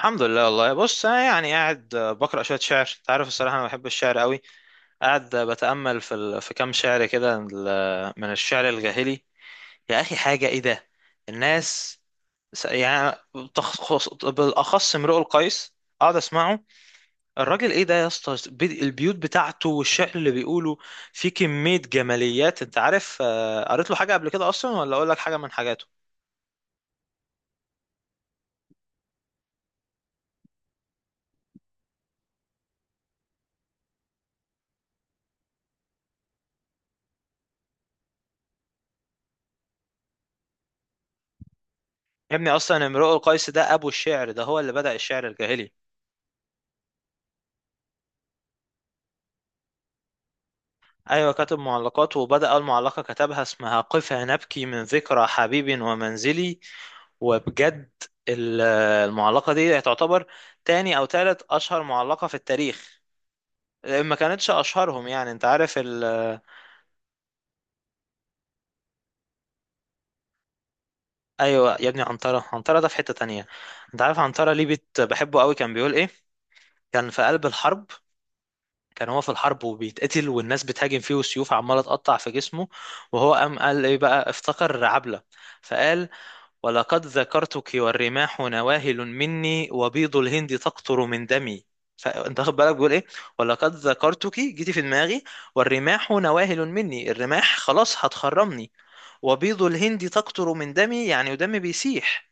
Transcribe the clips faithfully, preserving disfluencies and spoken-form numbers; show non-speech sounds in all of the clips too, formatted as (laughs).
الحمد لله، والله بص انا يعني قاعد، آه، بقرا شويه شعر. انت عارف الصراحه انا بحب الشعر قوي. قاعد آه، بتامل في ال... في كام شعر كده، ال- من الشعر الجاهلي. يا اخي حاجه ايه ده. الناس، س- يعني تخص... بالاخص امرؤ القيس. اقعد اسمعه. الراجل ايه ده يا اسطى، بي- البيوت بتاعته والشعر اللي بيقوله فيه كميه جماليات. انت عارف آه، قريت له حاجه قبل كده اصلا؟ ولا اقول لك حاجه من حاجاته. يا ابني اصلا امرؤ القيس ده ابو الشعر، ده هو اللي بدأ الشعر الجاهلي. ايوه كاتب معلقات، وبدأ اول معلقة كتبها اسمها قف نبكي من ذكرى حبيب ومنزلي. وبجد ال- المعلقة دي تعتبر تاني او تالت اشهر معلقة في التاريخ. ما كانتش اشهرهم يعني، انت عارف ال ايوه يا ابني، عنترة. عنترة ده في حتة تانية. انت عارف عنترة ليه بت... بحبه قوي؟ كان بيقول ايه؟ كان في قلب الحرب. كان هو في الحرب وبيتقتل، والناس بتهاجم فيه، والسيوف عمالة تقطع في جسمه، وهو قام قال ايه بقى؟ افتكر عبلة. فقال: ولقد ذكرتك والرماح نواهل مني، وبيض الهند تقطر من دمي. فانت واخد بالك بيقول ايه؟ ولقد ذكرتك: جيتي في دماغي. والرماح نواهل مني: الرماح خلاص هتخرمني. وبيض الهند تقطر من دمي: يعني ودمي بيسيح.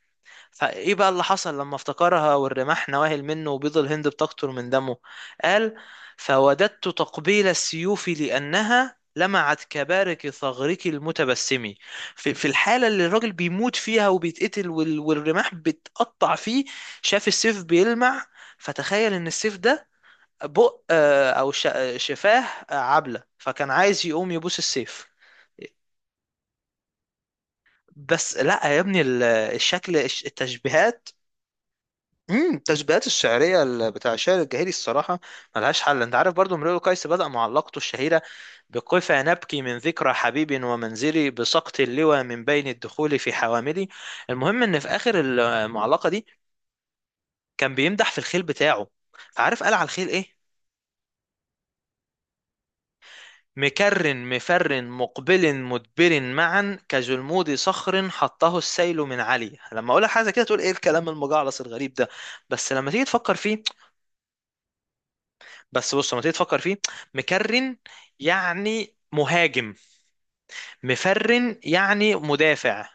فايه بقى اللي حصل لما افتكرها والرماح نواهل منه وبيض الهند بتقطر من دمه؟ قال: فوددت تقبيل السيوف لأنها لمعت كبارك ثغرك المتبسم. في, في الحالة اللي الراجل بيموت فيها وبيتقتل، وال- والرماح بتقطع فيه، شاف السيف بيلمع. فتخيل ان السيف ده بق آه، او ش- آه، شفاه آه، عبلة، فكان عايز يقوم يبوس السيف. بس لا يا ابني، ال- الشكل، التشبيهات. امم التشبيهات الشعريه، ال- بتاع الشعر الجاهلي الصراحه ملهاش حل. انت عارف برضو امرؤ قيس بدا معلقته الشهيره بقف نبكي من ذكرى حبيب ومنزلي، بسقط اللوى من بين الدخول في حواملي. المهم ان في اخر المعلقه دي كان بيمدح في الخيل بتاعه. فعارف قال على الخيل ايه؟ مكر مفر مقبل مدبر معا، كجلمود صخر حطه السيل من علي. لما اقولها حاجه كده تقول ايه الكلام المجعلص الغريب ده. بس لما تيجي تفكر فيه. بس بص لما تيجي تفكر فيه. مكرن يعني مهاجم، مفرن يعني مدافع.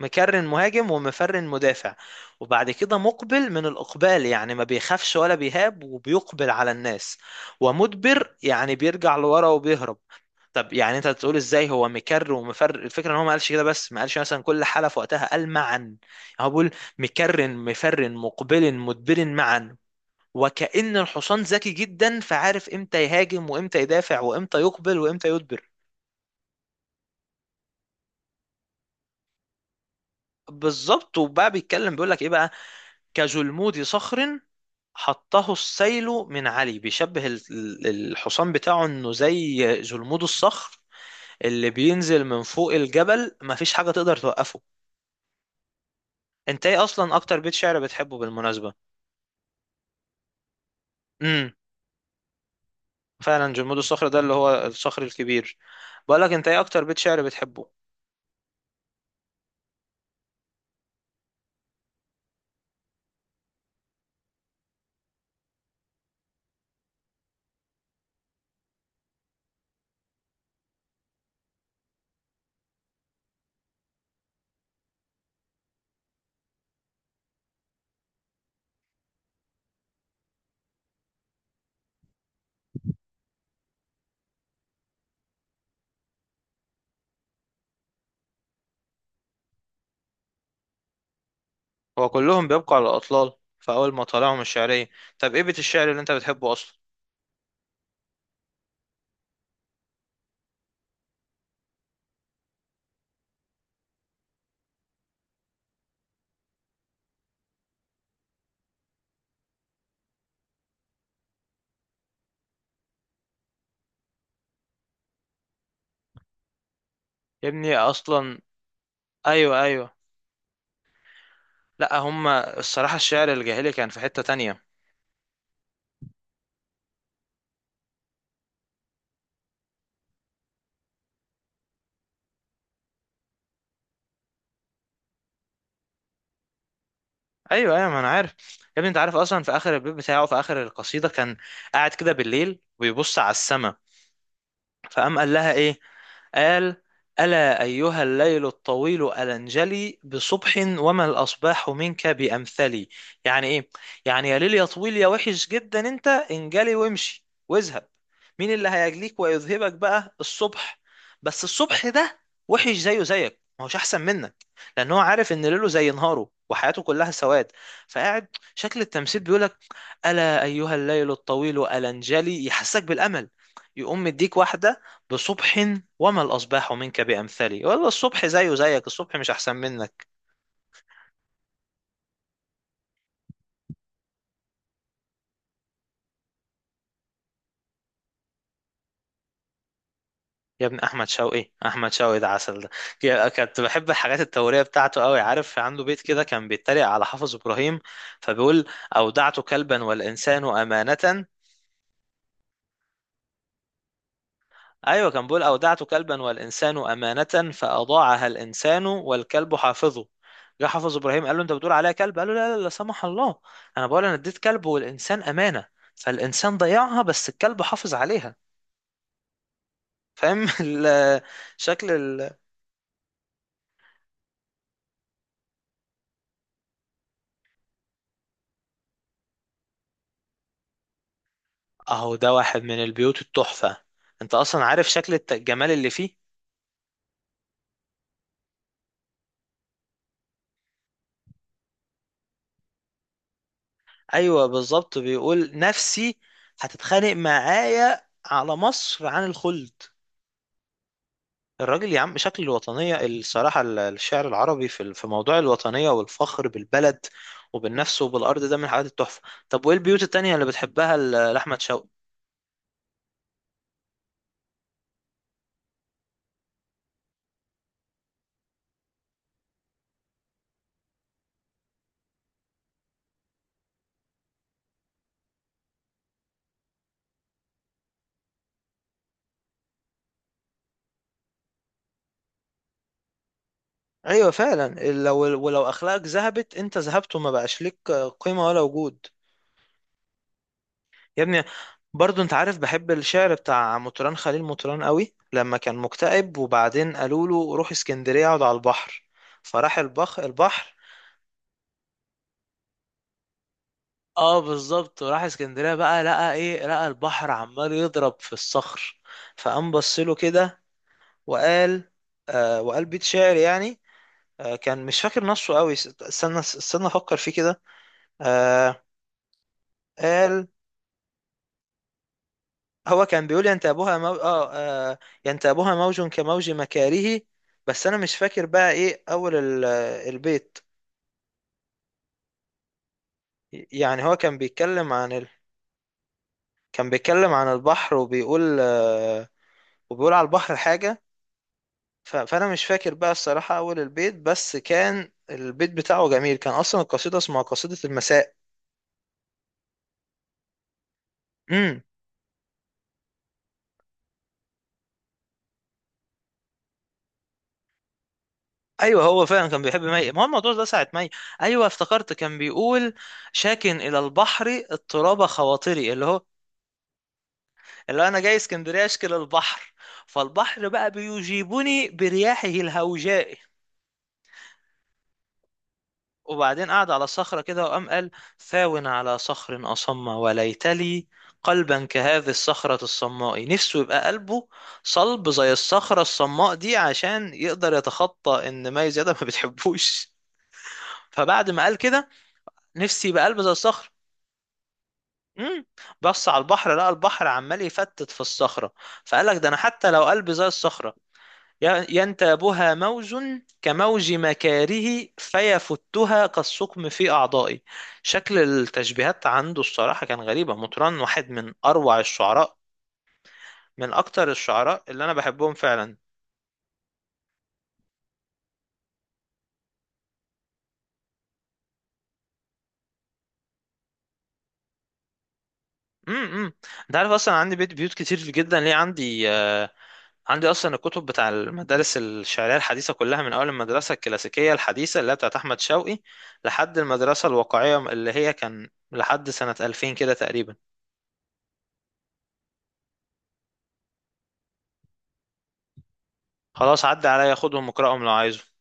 مكرن مهاجم، ومفرن مدافع. وبعد كده مقبل من الإقبال، يعني ما بيخافش ولا بيهاب وبيقبل على الناس. ومدبر يعني بيرجع لورا وبيهرب. طب يعني انت تقول ازاي هو مكر ومفر؟ الفكره ان هو ما قالش كده، بس ما قالش مثلا كل حاله في وقتها، قال معا. يعني هو بيقول: مكرن مفرن مقبل مدبر معا. وكأن الحصان ذكي جدا، فعارف امتى يهاجم وامتى يدافع وامتى يقبل وامتى يدبر. بالظبط. وبقى بيتكلم بيقول لك ايه بقى؟ كجلمود صخر حطه السيل من علي. بيشبه ال- ال- الحصان بتاعه انه زي جلمود الصخر اللي بينزل من فوق الجبل، مفيش حاجة تقدر توقفه. انت ايه اصلا اكتر بيت شعر بتحبه بالمناسبة؟ امم فعلا جلمود الصخر ده اللي هو الصخر الكبير. بقولك انت ايه اكتر بيت شعر بتحبه؟ هو كلهم بيبقوا على الأطلال في أول ما طلعهم الشعرية. طب إيه بيت الشعر اللي أنت بتحبه أصلا؟ يا ابني أصلا. أيوه أيوه. لأ، هما الصراحة الشعر الجاهلي كان في حتة تانية. أيوه أيوه، ما أنا عارف. يا ابني أنت عارف أصلا في آخر البيت بتاعه، في آخر القصيدة كان قاعد كده بالليل وبيبص على السما، فقام قال لها ايه؟ قال: ألا أيها الليل الطويل ألنجلي، بصبح وما الأصباح منك بأمثلي. يعني إيه؟ يعني يا ليل يا طويل يا وحش جدا، أنت انجلي وامشي واذهب. مين اللي هيجليك ويذهبك بقى؟ الصبح. بس الصبح ده وحش زيه زيك، ما هوش أحسن منك. لأن هو عارف إن ليله زي نهاره، وحياته كلها سواد. فقاعد شكل التمثيل بيقولك: ألا أيها الليل الطويل ألنجلي، يحسسك بالأمل، يقوم مديك واحدة: بصبح وما الأصباح منك بأمثلي. والله الصبح زيه زيك، الصبح مش أحسن منك. يا ابن أحمد شوقي، أحمد شوقي ده عسل ده. يا- كنت بحب الحاجات التورية بتاعته قوي. عارف عنده بيت كده كان بيتريق على حافظ إبراهيم، فبيقول: أودعت كلبا والإنسان أمانة. أيوة كان بيقول: أودعت كلبا والإنسان أمانة، فأضاعها الإنسان والكلب حافظه. جه حافظ إبراهيم قال له أنت بتقول عليا كلب؟ قال له لا لا لا سمح الله، أنا بقول أنا اديت كلب والإنسان أمانة، فالإنسان ضيعها بس الكلب حافظ عليها. فاهم؟ (laughs) ال- شكل ال... اهو ده واحد من البيوت التحفة. انت اصلا عارف شكل الت- الجمال اللي فيه. ايوه بالظبط، بيقول نفسي هتتخانق معايا على مصر عن الخلد. الراجل يا عم شكل الوطنية الصراحة، ال- الشعر العربي في ال- في موضوع الوطنية والفخر بالبلد وبالنفس وبالأرض ده من الحاجات التحفة. طب وإيه البيوت التانية اللي بتحبها ل- لأحمد شوقي؟ أيوة فعلا، لو ولو أخلاقك ذهبت أنت ذهبت وما بقاش ليك قيمة ولا وجود. يا ابني، برضو انت عارف بحب الشعر بتاع مطران، خليل مطران، قوي. لما كان مكتئب وبعدين قالوا له روح اسكندرية اقعد على البحر، فراح البخ البحر. اه بالظبط، وراح اسكندرية بقى، لقى ايه؟ لقى البحر عمال يضرب في الصخر، فقام بص له كده وقال، آه وقال بيت شعر يعني. آه كان مش فاكر نصه قوي. است- استنى استنى افكر فيه كده. آه قال: هو كان بيقول ينتابها مو... اه آه، ينتابها موج كموج مكاره. بس انا مش فاكر بقى ايه اول ال- البيت. يعني هو كان بيتكلم عن ال... كان بيتكلم عن البحر وبيقول آه، وبيقول على البحر حاجة. ف... فانا مش فاكر بقى الصراحة اول البيت، بس كان البيت بتاعه جميل. كان اصلا القصيدة اسمها قصيدة المساء. امم ايوه، هو فعلا كان بيحب مي، ما هو الموضوع ده ساعة مي. ايوه افتكرت، كان بيقول: شاكن الى البحر اضطراب خواطري. اللي هو اللي انا جاي اسكندريه اشكل البحر، فالبحر بقى بيجيبني برياحه الهوجاء. وبعدين قعد على صخره كده وقام قال: ثاو على صخر اصم وليت لي قلبا كهذه الصخره الصماء. نفسه يبقى قلبه صلب زي الصخره الصماء دي عشان يقدر يتخطى ان مي زياده ما بتحبوش. فبعد ما قال كده نفسي يبقى قلب زي الصخر. امم بص على البحر، لقى البحر عمال يفتت في الصخره. فقال لك ده انا حتى لو قلبي زي الصخره: ينتابها موج كموج مكاره فيفتها كالسقم في أعضائي. شكل التشبيهات عنده الصراحة كان غريبة. مطران واحد من أروع الشعراء، من أكتر الشعراء اللي أنا بحبهم فعلا. امم انت عارف اصلا عندي بيت بيوت كتير جدا ليه، عندي آه عندي اصلا الكتب بتاع المدارس الشعريه الحديثه كلها، من اول المدرسه الكلاسيكيه الحديثه اللي هي بتاعت احمد شوقي لحد المدرسه الواقعيه اللي هي كان لحد سنه ألفين كده تقريبا. خلاص عدى عليا خدهم واقرأهم لو عايزه.